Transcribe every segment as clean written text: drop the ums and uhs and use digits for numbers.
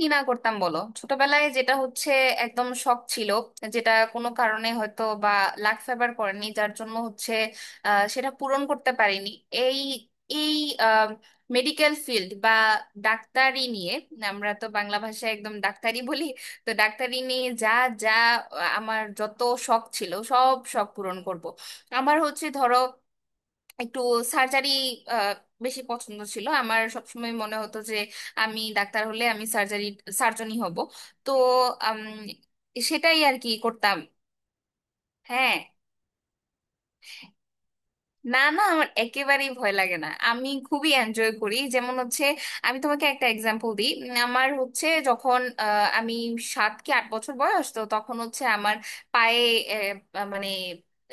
কি না করতাম বলো? ছোটবেলায় যেটা হচ্ছে একদম শখ ছিল, যেটা কোনো কারণে হয়তো বা লাক ফেভার করেনি, যার জন্য হচ্ছে আহ, সেটা পূরণ করতে পারিনি। এই এই মেডিকেল ফিল্ড বা ডাক্তারি নিয়ে, আমরা তো বাংলা ভাষায় একদম ডাক্তারি বলি। তো ডাক্তারি নিয়ে যা যা আহ, আমার যত শখ ছিল, সব শখ পূরণ করব। আমার হচ্ছে ধরো একটু সার্জারি বেশি পছন্দ ছিল, আমার সবসময় মনে হতো যে আমি ডাক্তার হলে আমি সার্জনই হব। তো উম, সেটাই আর কি করতাম। হ্যাঁ, না, না, আমার একেবারেই ভয় লাগে না, আমি খুবই এনজয় করি, যেমন হচ্ছে আমি তোমাকে একটা এক্সাম্পল দিই। আমার হচ্ছে যখন আহ, আমি 7 কি 8 বছর বয়স, তো তখন হচ্ছে আমার পায়ে আহ, মানে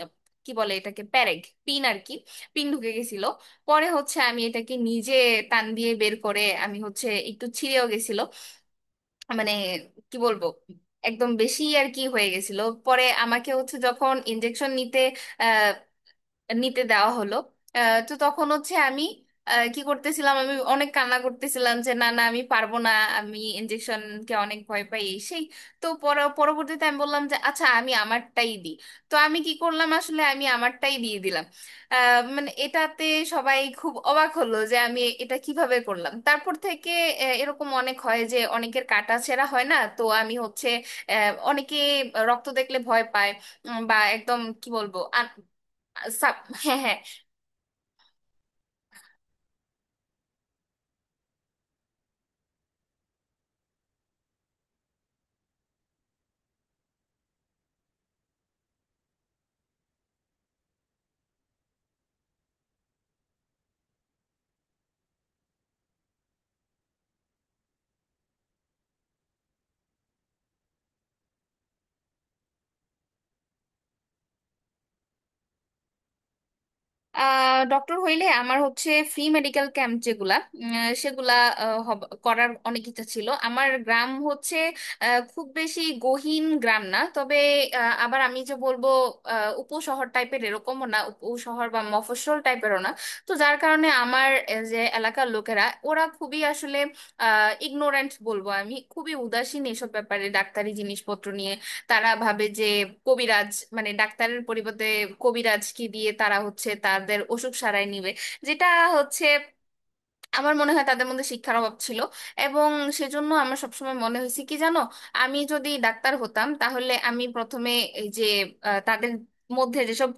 আহ, কি বলে এটাকে, পিন আর কি, পিন ঢুকে গেছিল। পরে হচ্ছে আমি এটাকে নিজে টান দিয়ে বের করে, আমি হচ্ছে একটু ছিঁড়েও গেছিল, মানে কি বলবো, একদম বেশি আর কি হয়ে গেছিল। পরে আমাকে হচ্ছে যখন ইনজেকশন নিতে নিতে দেওয়া হলো, আহ, তো তখন হচ্ছে আমি আহ, কি করতেছিলাম, আমি অনেক কান্না করতেছিলাম যে না না আমি পারবো না, আমি ইনজেকশনকে অনেক ভয় পাই এই সেই। তো পরবর্তীতে আমি বললাম যে আচ্ছা আমি আমারটাই দিই। তো আমি কি করলাম আসলে, আমি আমারটাই দিয়ে দিলাম। আহ, মানে এটাতে সবাই খুব অবাক হলো যে আমি এটা কিভাবে করলাম। তারপর থেকে আহ, এরকম অনেক হয় যে অনেকের কাটা ছেঁড়া হয় না, তো আমি হচ্ছে আহ, অনেকে রক্ত দেখলে ভয় পায়, বা একদম কি বলবো। হ্যাঁ, হ্যাঁ। ডক্টর হইলে আমার হচ্ছে ফ্রি মেডিকেল ক্যাম্প যেগুলা, উম, সেগুলা আহ, হব- করার অনেক ইচ্ছা ছিল। আমার গ্রাম হচ্ছে আহ, খুব বেশি গহীন গ্রাম না, তবে আহ, আবার আমি যে বলবো আহ, উপশহর টাইপের এরকমও না, উপশহর বা মফস্বল টাইপেরও না। তো যার কারণে আমার আহ, যে এলাকার লোকেরা, ওরা খুবই আসলে ইগনোরেন্ট বলবো আমি, খুবই উদাসীন এসব ব্যাপারে, ডাক্তারি জিনিসপত্র নিয়ে। তারা ভাবে যে কবিরাজ, মানে ডাক্তারের পরিবর্তে কবিরাজ কি দিয়ে তারা হচ্ছে তাদের অসুখ সারায় নিবে। যেটা হচ্ছে আমার মনে হয় তাদের মধ্যে শিক্ষার অভাব ছিল। এবং সেজন্য আমার সবসময় মনে হয়েছে কি জানো, আমি যদি ডাক্তার হতাম তাহলে আমি প্রথমে এই যে আহ, তাদের মধ্যে যেসব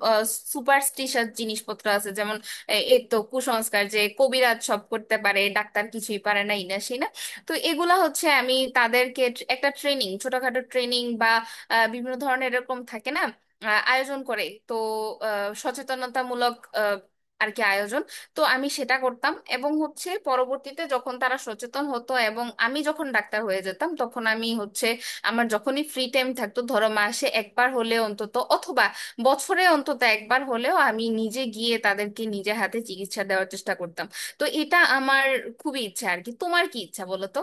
সুপারস্টিশাস জিনিসপত্র আছে, যেমন আহ, এই তো কুসংস্কার যে কবিরাজ সব করতে পারে, ডাক্তার কিছুই পারে না, ইনা সেই না, তো এগুলা হচ্ছে আমি তাদেরকে একটা ট্রেনিং, ছোটখাটো ট্রেনিং বা আহ, বিভিন্ন ধরনের এরকম থাকে না আহ, আয়োজন করে। তো আহ, সচেতনতামূলক আহ, আর কি আয়োজন, তো আমি সেটা করতাম। এবং হচ্ছে পরবর্তীতে যখন তারা সচেতন হতো এবং আমি যখন ডাক্তার হয়ে যেতাম তখন আমি হচ্ছে আমার যখনই ফ্রি টাইম থাকতো, ধরো মাসে একবার হলে অন্তত, অথবা বছরে অন্তত একবার হলেও আমি নিজে গিয়ে তাদেরকে নিজে হাতে চিকিৎসা দেওয়ার চেষ্টা করতাম। তো এটা আমার খুবই ইচ্ছা আর কি। তোমার কি ইচ্ছা বলো তো?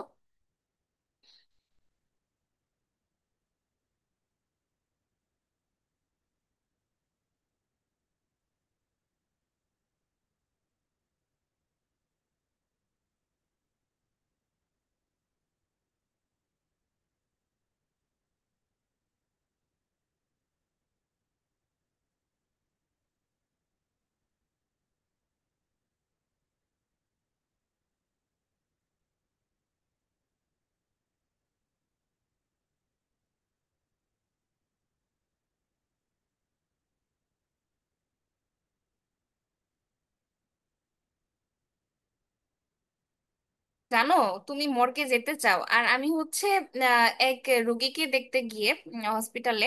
জানো, তুমি মর্গে যেতে চাও, আর আমি হচ্ছে আহ, এক রোগীকে দেখতে গিয়ে হসপিটালে,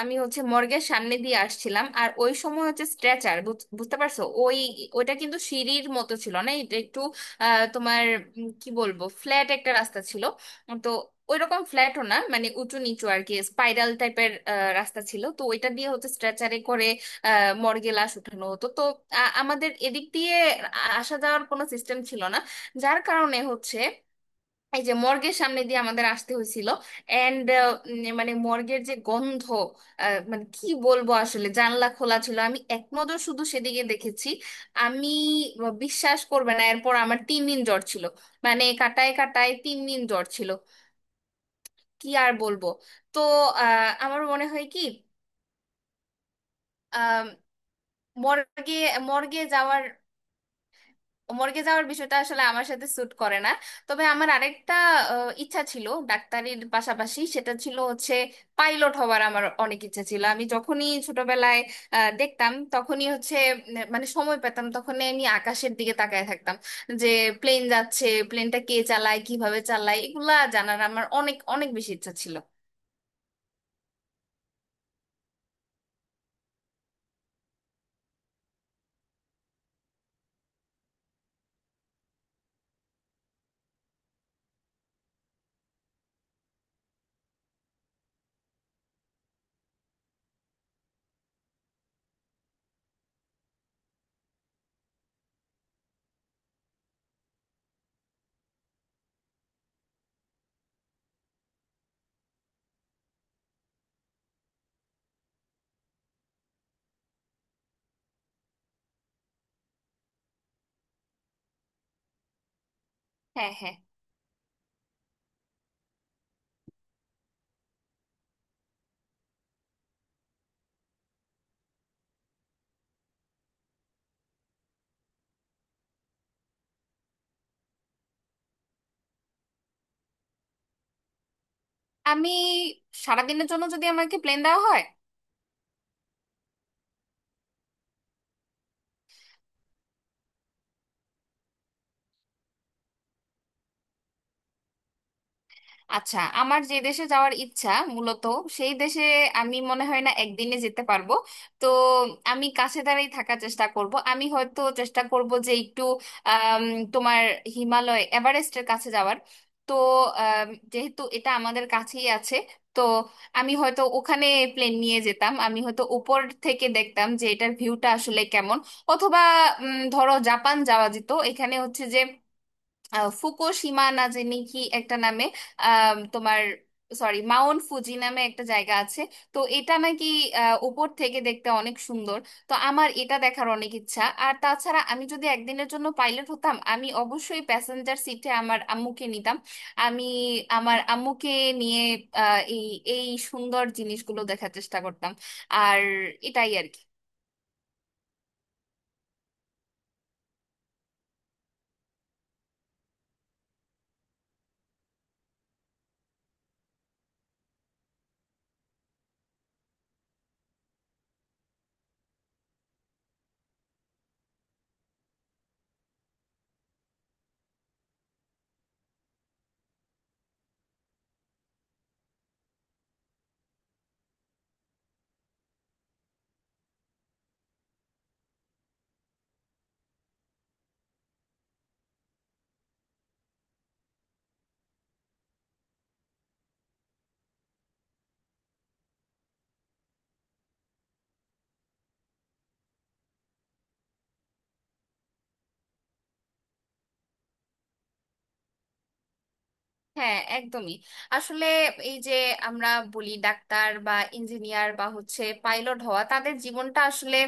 আমি হচ্ছে মর্গের সামনে দিয়ে আসছিলাম। আর ওই সময় হচ্ছে স্ট্রেচার, বুঝতে পারছো, ওই ওইটা কিন্তু সিঁড়ির মতো ছিল না, এটা একটু আহ, তোমার উম, কি বলবো, ফ্ল্যাট একটা রাস্তা ছিল। তো ওইরকম ফ্ল্যাটও না, মানে উঁচু নিচু আর কি, স্পাইরাল টাইপের রাস্তা ছিল। তো ওইটা দিয়ে হচ্ছে স্ট্রেচারে করে মর্গে লাশ উঠানো হতো। তো আমাদের এদিক দিয়ে আসা যাওয়ার কোনো সিস্টেম ছিল না, যার কারণে হচ্ছে এই যে মর্গের সামনে দিয়ে আমাদের আসতে হয়েছিল। এন্ড মানে মর্গের যে গন্ধ, আহ, মানে কি বলবো, আসলে জানলা খোলা ছিল, আমি এক নজর শুধু সেদিকে দেখেছি। আমি বিশ্বাস করবে না, এরপর আমার 3 দিন জ্বর ছিল, মানে কাটায় কাটায় 3 দিন জ্বর ছিল। কি আর বলবো। তো আহ, আমার মনে হয় কি আহ, মর্গে মর্গে যাওয়ার মর্গে যাওয়ার বিষয়টা আসলে আমার সাথে স্যুট করে না। তবে আমার আরেকটা আহ, ইচ্ছা ছিল ডাক্তারির পাশাপাশি, সেটা ছিল হচ্ছে পাইলট হওয়ার। আমার অনেক ইচ্ছা ছিল, আমি যখনই ছোটবেলায় আহ, দেখতাম তখনই হচ্ছে মানে সময় পেতাম তখনই আমি আকাশের দিকে তাকায় থাকতাম যে প্লেন যাচ্ছে, প্লেনটা কে চালায়, কিভাবে চালায়, এগুলা জানার আমার অনেক অনেক বেশি ইচ্ছা ছিল। হ্যাঁ, হ্যাঁ। আমি সারাদিনের জন্য যদি আমাকে প্লেন দেওয়া হয়, আচ্ছা আমার যে দেশে যাওয়ার ইচ্ছা মূলত, সেই দেশে আমি মনে হয় না একদিনে যেতে পারবো। তো আমি কাছে দাঁড়াই থাকার চেষ্টা করব, আমি হয়তো চেষ্টা করব যে একটু আম, তোমার হিমালয় এভারেস্টের কাছে যাওয়ার। তো আম, যেহেতু এটা আমাদের কাছেই আছে, তো আমি হয়তো ওখানে প্লেন নিয়ে যেতাম, আমি হয়তো উপর থেকে দেখতাম যে এটার ভিউটা আসলে কেমন। অথবা ধরো জাপান যাওয়া যেত, এখানে হচ্ছে আহ, ফুকুশিমা না জানি কি একটা নামে আহ, তোমার সরি মাউন্ট ফুজি নামে একটা জায়গা আছে। তো এটা নাকি আহ, উপর থেকে দেখতে অনেক সুন্দর, তো আমার এটা দেখার অনেক ইচ্ছা। আর তাছাড়া আমি যদি একদিনের জন্য পাইলট হতাম, আমি অবশ্যই প্যাসেঞ্জার সিটে আমার আম্মুকে নিতাম। আমি আমার আম্মুকে নিয়ে আহ, এই এই সুন্দর জিনিসগুলো দেখার চেষ্টা করতাম। আর এটাই আর কি। হ্যাঁ একদমই। আসলে এই যে আমরা বলি ডাক্তার বা ইঞ্জিনিয়ার বা হচ্ছে পাইলট হওয়া, তাদের জীবনটা আসলে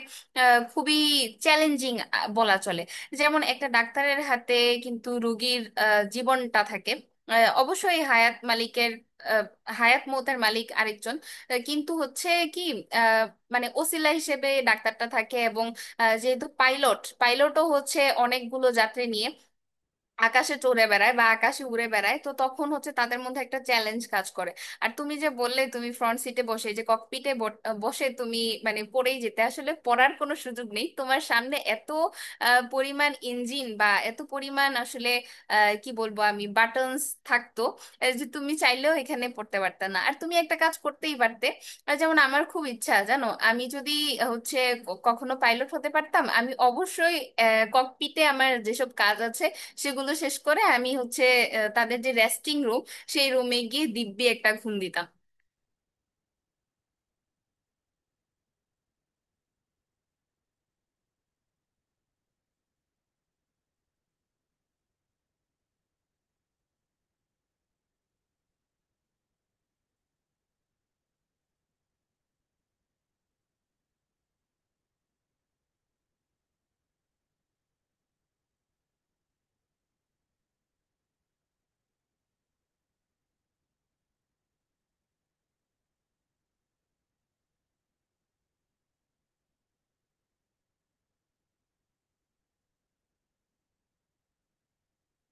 আহ, খুবই চ্যালেঞ্জিং বলা চলে। যেমন একটা ডাক্তারের হাতে কিন্তু রোগীর আহ, জীবনটা থাকে, আহ, অবশ্যই হায়াত মালিকের, আহ, হায়াত মৌতের মালিক আরেকজন, আহ, কিন্তু হচ্ছে কি আহ, মানে ওসিলা হিসেবে ডাক্তারটা থাকে। এবং আহ, যেহেতু পাইলটও হচ্ছে অনেকগুলো যাত্রী নিয়ে আকাশে চড়ে বেড়ায় বা আকাশে উড়ে বেড়ায়, তো তখন হচ্ছে তাদের মধ্যে একটা চ্যালেঞ্জ কাজ করে। আর তুমি যে বললে তুমি ফ্রন্ট সিটে বসে, এই যে ককপিটে বসে তুমি মানে পড়েই যেতে, আসলে পড়ার কোনো সুযোগ নেই, তোমার সামনে এত আহ, পরিমাণ ইঞ্জিন বা এত পরিমাণ আসলে আহ, কি বলবো আমি, বাটনস থাকতো আহ, যে তুমি চাইলেও এখানে পড়তে পারতে না, আর তুমি একটা কাজ করতেই পারতে। আর যেমন আমার খুব ইচ্ছা জানো, আমি যদি আহ, হচ্ছে ক- কখনো পাইলট হতে পারতাম, আমি অবশ্যই ককপিটে আমার যেসব কাজ আছে সেগুলো শেষ করে আমি হচ্ছে আহ, তাদের যে রেস্টিং রুম, সেই রুমে গিয়ে দিব্যি একটা ঘুম দিতাম।